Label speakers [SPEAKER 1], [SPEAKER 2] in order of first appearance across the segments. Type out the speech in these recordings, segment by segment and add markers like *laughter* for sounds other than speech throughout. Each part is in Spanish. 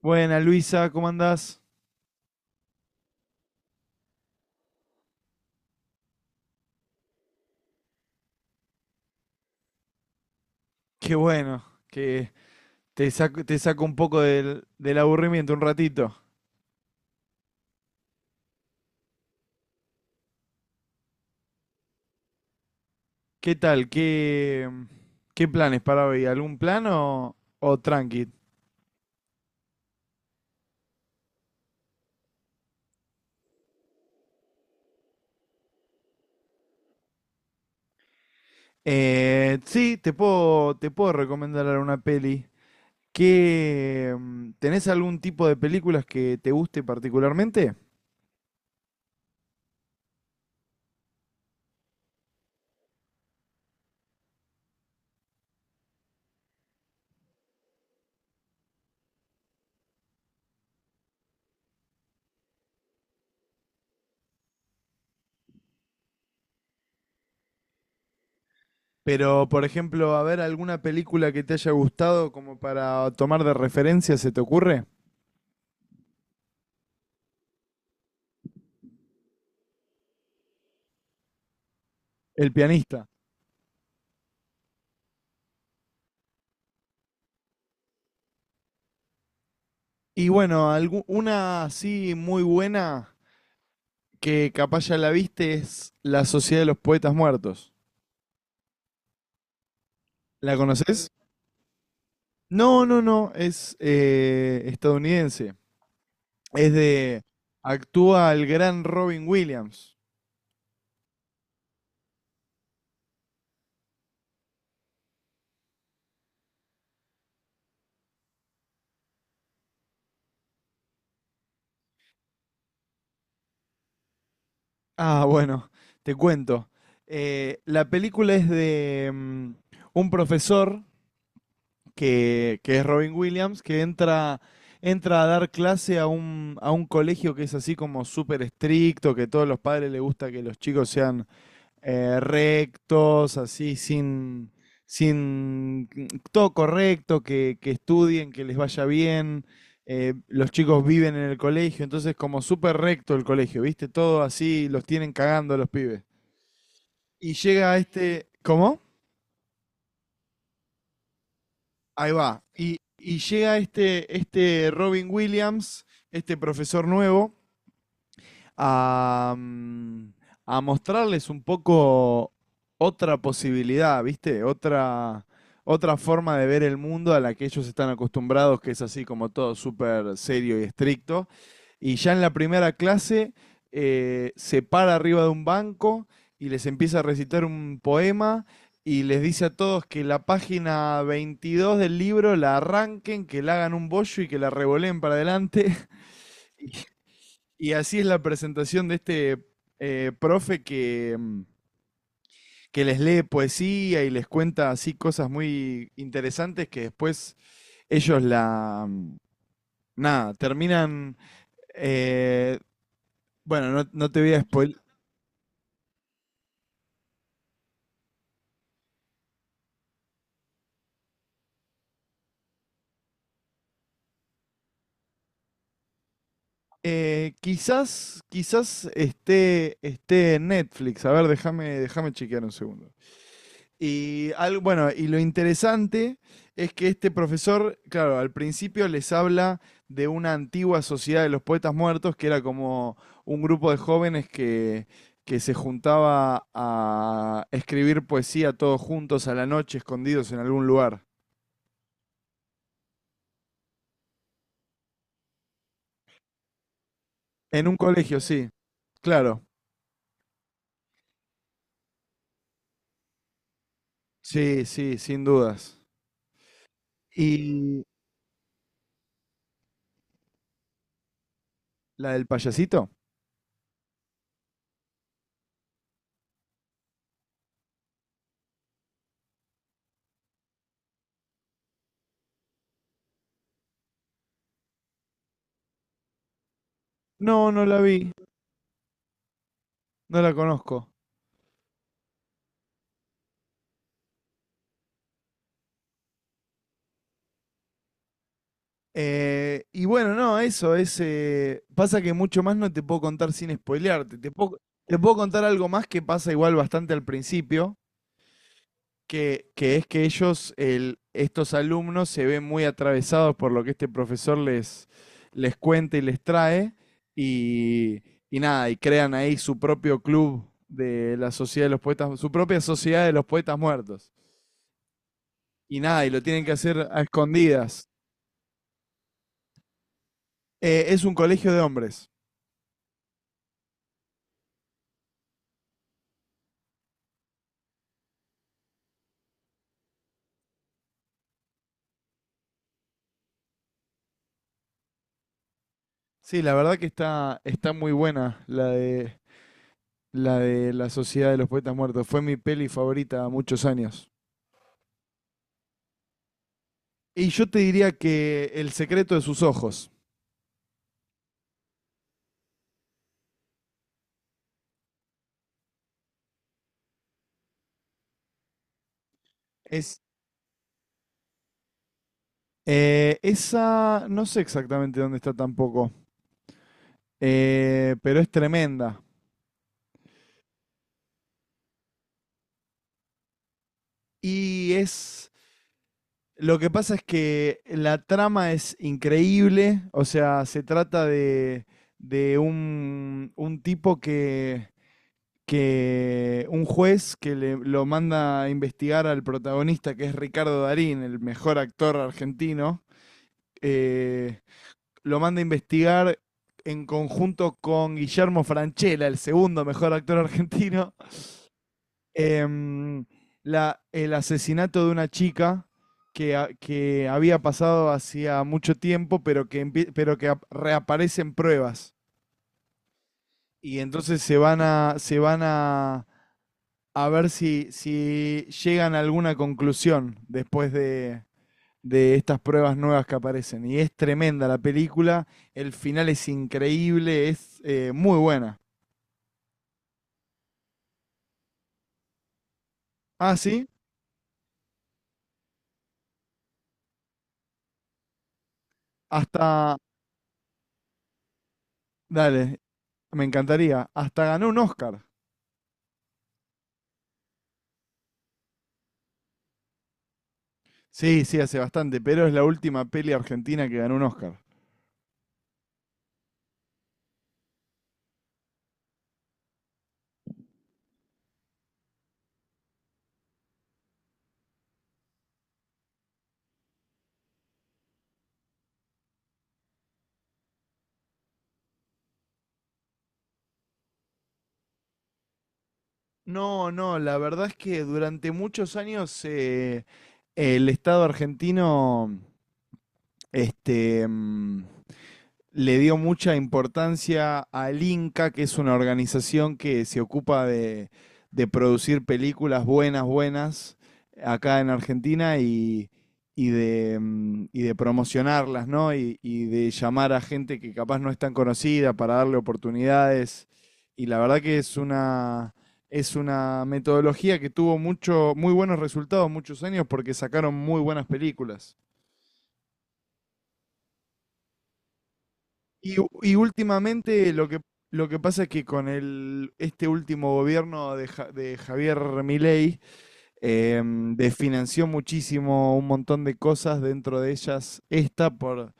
[SPEAKER 1] Buena, Luisa, ¿cómo andás? Qué bueno, que te saco un poco del aburrimiento un ratito. ¿Qué tal? ¿ qué planes para hoy? ¿Algún plan o tranqui? Sí, te puedo recomendar una peli. ¿Tenés algún tipo de películas que te guste particularmente? Pero, por ejemplo, a ver, alguna película que te haya gustado como para tomar de referencia, ¿se te ocurre? El pianista. Y bueno, una así muy buena que capaz ya la viste es La Sociedad de los Poetas Muertos. ¿La conoces? No, es estadounidense. Es de... Actúa el gran Robin Williams. Ah, bueno, te cuento. La película es de un profesor que es Robin Williams, que entra, entra a dar clase a a un colegio que es así como súper estricto, que a todos los padres les gusta que los chicos sean rectos, así sin todo correcto, que estudien, que les vaya bien. Los chicos viven en el colegio, entonces como súper recto el colegio, ¿viste? Todo así, los tienen cagando los pibes. Y llega este... ¿Cómo? Ahí va. Y llega este Robin Williams, este profesor nuevo, a, mm, a mostrarles un poco otra posibilidad, ¿viste? Otra forma de ver el mundo a la que ellos están acostumbrados, que es así como todo súper serio y estricto. Y ya en la primera clase se para arriba de un banco y les empieza a recitar un poema y les dice a todos que la página 22 del libro la arranquen, que la hagan un bollo y que la revoleen para adelante. *laughs* Y y así es la presentación de este profe que les lee poesía y les cuenta así cosas muy interesantes que después ellos la... mm, Nada, terminan... eh, bueno, no te voy a spoiler. Quizás esté en Netflix. A ver, déjame chequear un segundo. Y lo interesante es que este profesor, claro, al principio les habla de una antigua sociedad de los poetas muertos, que era como un grupo de jóvenes que se juntaba a escribir poesía todos juntos a la noche, escondidos en algún lugar. En un colegio, sí, claro. Sí, sí, sin dudas. ¿Y la del payasito? No, no la vi, no la conozco. Y bueno, no, eso es. Pasa que mucho más no te puedo contar sin spoilearte. Te puedo contar algo más que pasa igual bastante al principio, que es que estos alumnos, se ven muy atravesados por lo que este profesor les cuenta y les trae. Y, y nada, y crean ahí su propio club de la Sociedad de los Poetas, su propia Sociedad de los Poetas Muertos. Y nada, y lo tienen que hacer a escondidas. Es un colegio de hombres. Sí, la verdad que está muy buena la de La Sociedad de los Poetas Muertos. Fue mi peli favorita muchos años. Y yo te diría que El secreto de sus ojos. Es, esa, no sé exactamente dónde está tampoco, pero es tremenda. Y es, lo que pasa es que la trama es increíble, o sea, se trata de un tipo que un juez que le, lo manda a investigar al protagonista, que es Ricardo Darín, el mejor actor argentino, eh, lo manda a investigar en conjunto con Guillermo Francella, el segundo mejor actor argentino, *laughs* em, el asesinato de una chica que había pasado hacía mucho tiempo, pero pero que reaparecen pruebas. Y entonces se van a ver si, si llegan a alguna conclusión después de estas pruebas nuevas que aparecen. Y es tremenda la película, el final es increíble, es muy buena. Ah, sí, hasta, Dale, me encantaría, hasta ganó un Oscar. Sí, sí, hace bastante, pero es la última peli argentina que ganó un Oscar. No, no, la verdad es que durante muchos años el Estado argentino, este, mm, le dio mucha importancia al Inca, que es una organización que se ocupa de producir películas buenas, buenas, acá en Argentina y, y de promocionarlas, ¿no? Y de llamar a gente que capaz no es tan conocida para darle oportunidades. Y la verdad que es una metodología que tuvo mucho, muy buenos resultados muchos años porque sacaron muy buenas películas. Y últimamente lo lo que pasa es que con este último gobierno de Javier Milei desfinanció muchísimo un montón de cosas, dentro de ellas esta,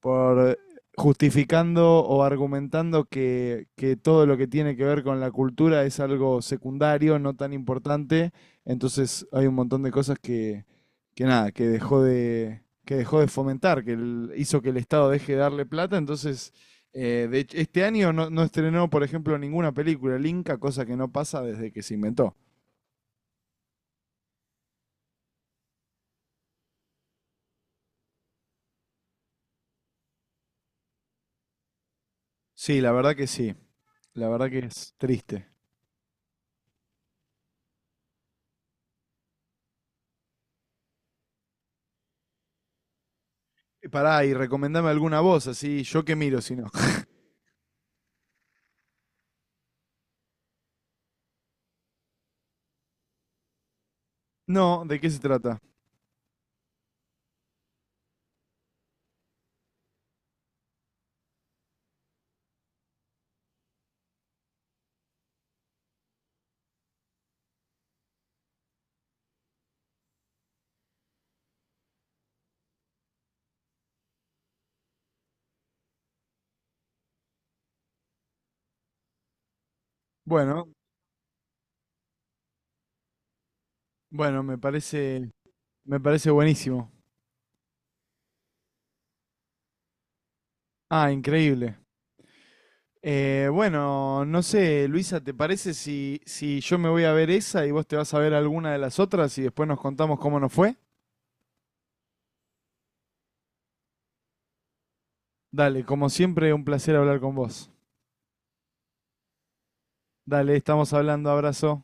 [SPEAKER 1] por justificando o argumentando que todo lo que tiene que ver con la cultura es algo secundario, no tan importante. Entonces hay un montón de cosas que nada, que dejó de fomentar, hizo que el Estado deje de darle plata. Entonces, de hecho, este año no estrenó, por ejemplo, ninguna película el Inca, cosa que no pasa desde que se inventó. Sí, la verdad que sí. La verdad que es triste. Pará, y recomendame alguna voz, así yo que miro, si no. *laughs* No, ¿de qué se trata? Bueno, bueno, me parece buenísimo. Ah, increíble. Bueno, no sé, Luisa, ¿te parece si, si yo me voy a ver esa y vos te vas a ver alguna de las otras y después nos contamos cómo nos fue? Dale, como siempre, un placer hablar con vos. Dale, estamos hablando, abrazo.